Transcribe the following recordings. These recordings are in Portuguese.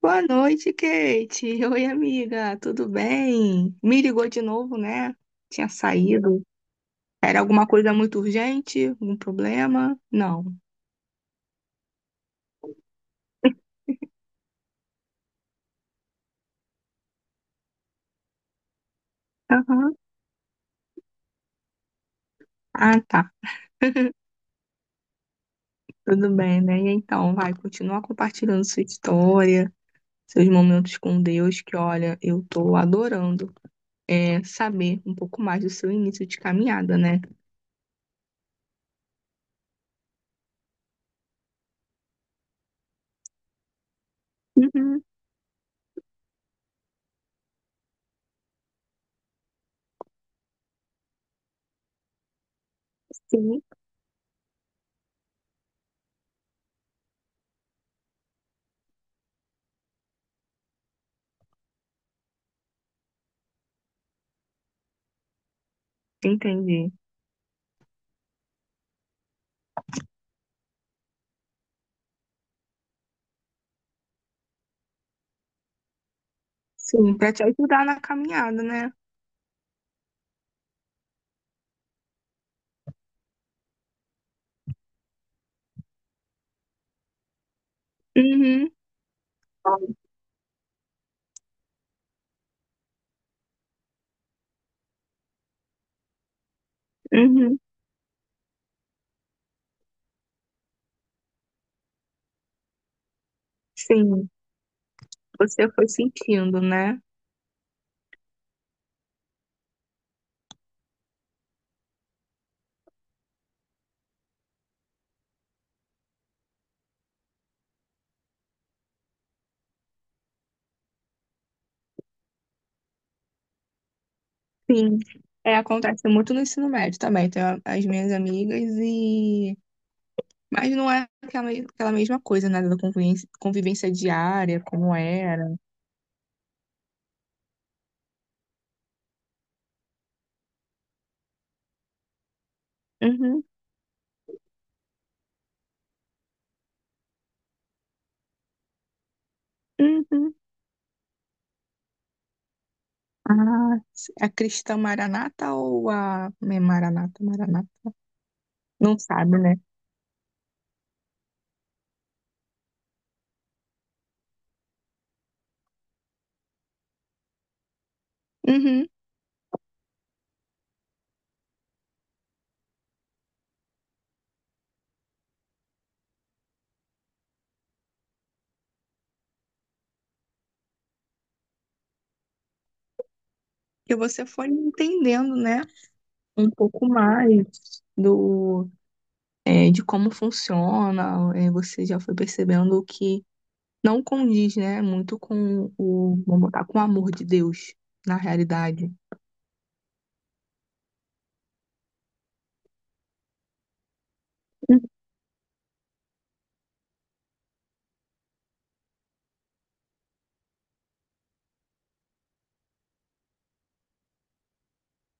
Boa noite, Kate. Oi, amiga. Tudo bem? Me ligou de novo, né? Tinha saído. Era alguma coisa muito urgente? Algum problema? Não. Aham. Ah, tá. Tudo bem, né? E então, vai, continua compartilhando sua história, seus momentos com Deus, que olha, eu tô adorando saber um pouco mais do seu início de caminhada, né? Uhum, sim. Entendi. Sim, pra te ajudar na caminhada, né? Uhum. Uhum. Sim. Você foi sentindo, né? Sim. É, acontece muito no ensino médio também. Tenho as minhas amigas e. Mas não é aquela mesma coisa, né? Da convivência diária, como era. Uhum, uhum. Ah, a Cristã Maranata ou a. É Maranata, Maranata? Não sabe, né? Uhum. Que você foi entendendo, né? Um pouco mais do. De como funciona, você já foi percebendo que não condiz, né, muito com vamos botar, com o amor de Deus, na realidade.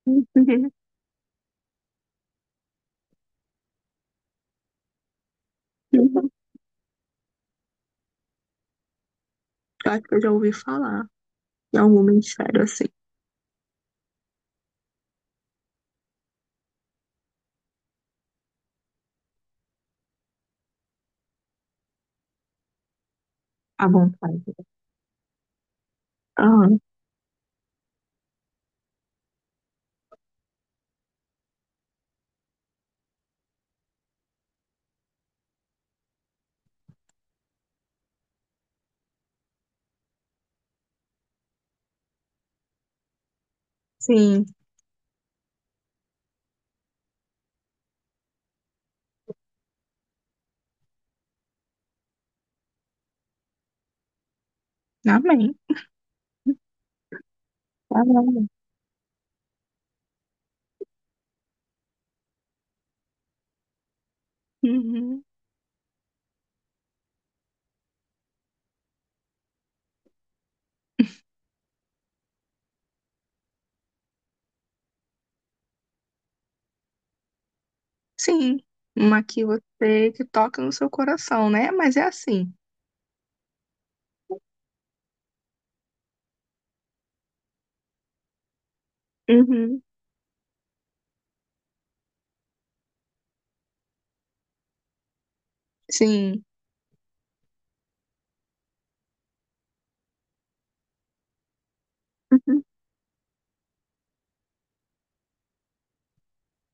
Uhum, uhum, uhum. Eu acho que eu já ouvi falar em algum ministério assim, à vontade. Ah, sim, amém. Amém. Uhum. Sim, uma que você que toca no seu coração, né? Mas é assim. Uhum. Sim. Uhum.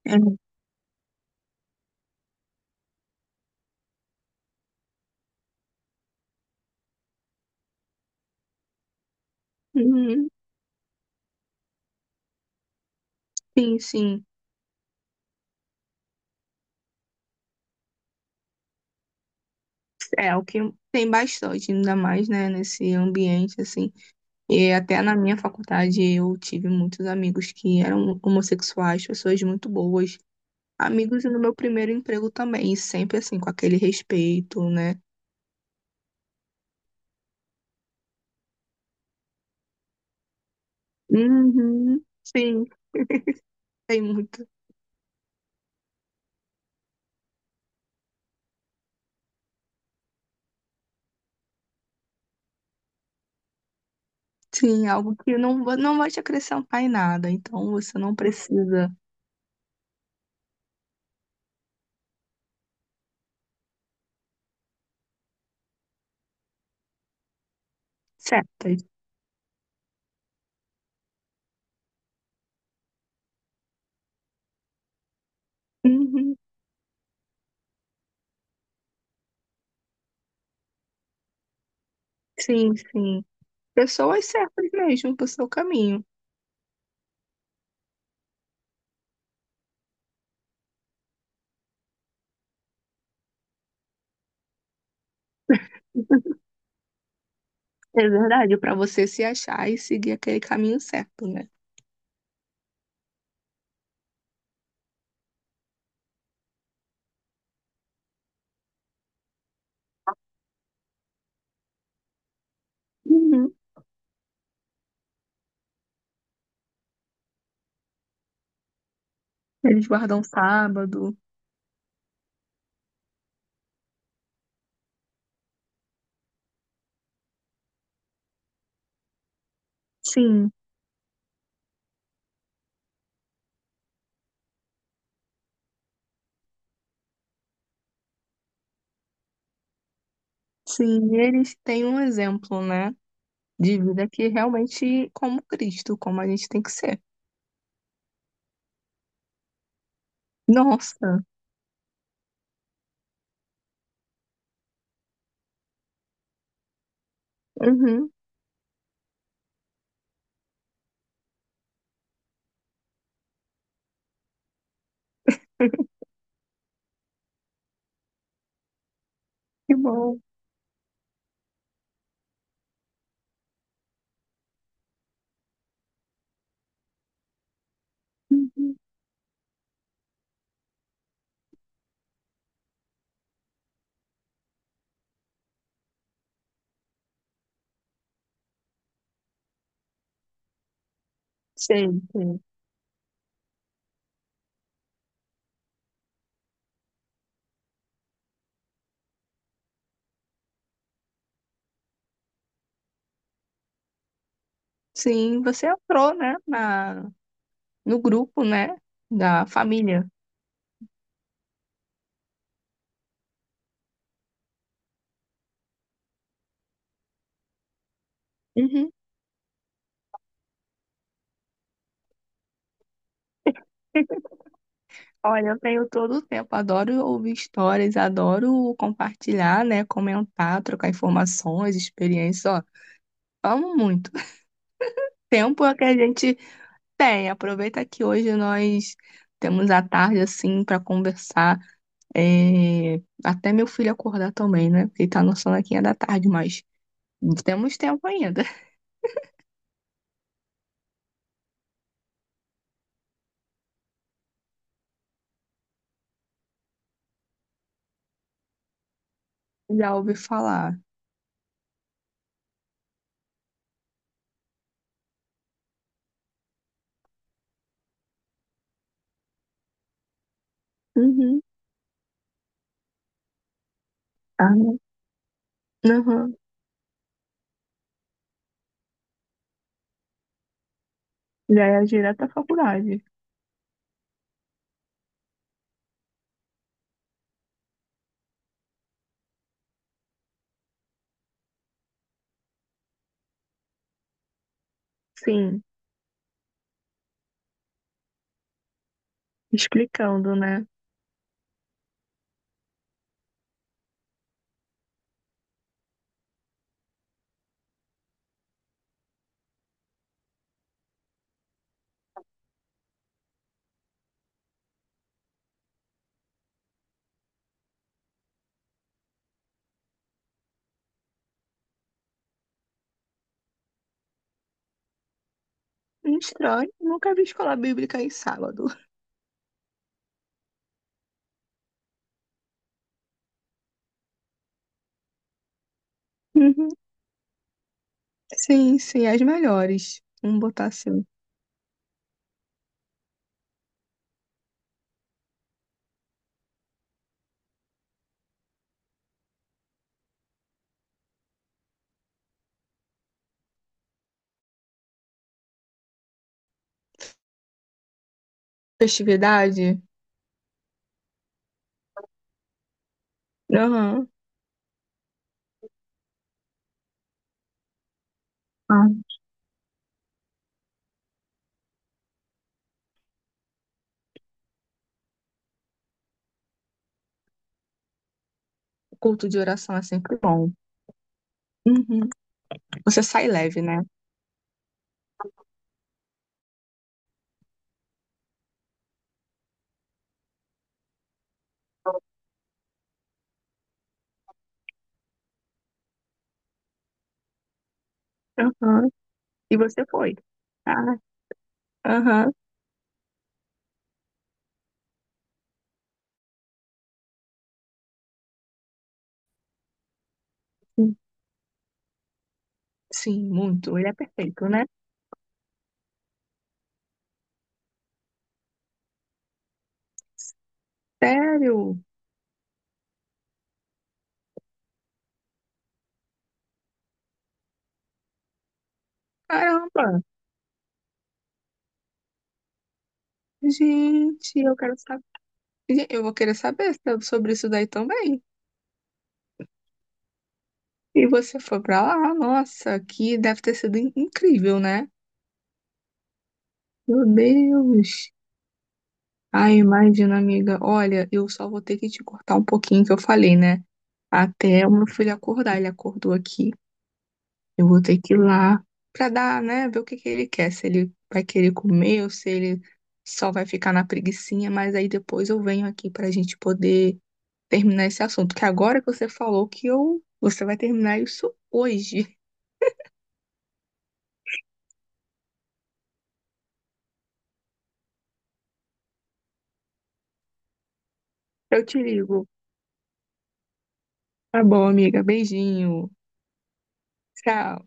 É. Uhum. Sim, sim. É o que tem bastante, ainda mais, né, nesse ambiente assim. E até na minha faculdade eu tive muitos amigos que eram homossexuais, pessoas muito boas. Amigos e no meu primeiro emprego também, e sempre assim, com aquele respeito, né? Uhum, sim, tem muito. Sim, algo que não, não vai te acrescentar em nada, então você não precisa. Certas. Uhum, sim, sim. Pessoas certas mesmo pro seu caminho. É verdade, para você se achar e seguir aquele caminho certo, né? Uhum. Eles guardam sábado. Sim. Sim, eles têm um exemplo, né, de vida que realmente como Cristo, como a gente tem que ser. Nossa, uhum, que bom. Uhum. Sei, sei. Sim, você entrou, né, na, no grupo, né, da família. Uhum. Olha, eu tenho todo o tempo, adoro ouvir histórias, adoro compartilhar, né, comentar, trocar informações, experiências, ó, amo muito. Tempo é que a gente tem, aproveita que hoje nós temos a tarde assim para conversar. é, Até meu filho acordar também, né? Ele tá no sonequinha da tarde, mas temos tempo ainda. Já ouvi falar. Uhum. Ah, uhum. Já é direto à faculdade. Sim, explicando, né? Estranho, nunca vi escola bíblica em sábado. Uhum. Sim, sim, as melhores. Vamos botar assim. Festividade? Aham. Ah, culto de oração é sempre bom. Uhum. Você sai leve, né? Aham. E você foi. Ah, aham. Sim, sim, muito. Ele é perfeito, né? Sério? Caramba! Gente, eu quero saber. Eu vou querer saber sobre isso daí também. E você foi pra lá? Nossa, que deve ter sido incrível, né? Meu Deus! Ai, imagina, amiga. Olha, eu só vou ter que te cortar um pouquinho que eu falei, né? Até o meu filho acordar. Ele acordou aqui. Eu vou ter que ir lá pra dar, né, ver o que que ele quer, se ele vai querer comer ou se ele só vai ficar na preguicinha, mas aí depois eu venho aqui pra gente poder terminar esse assunto, que agora que você falou que eu, você vai terminar isso hoje. Eu te ligo. Tá bom, amiga. Beijinho. Tchau.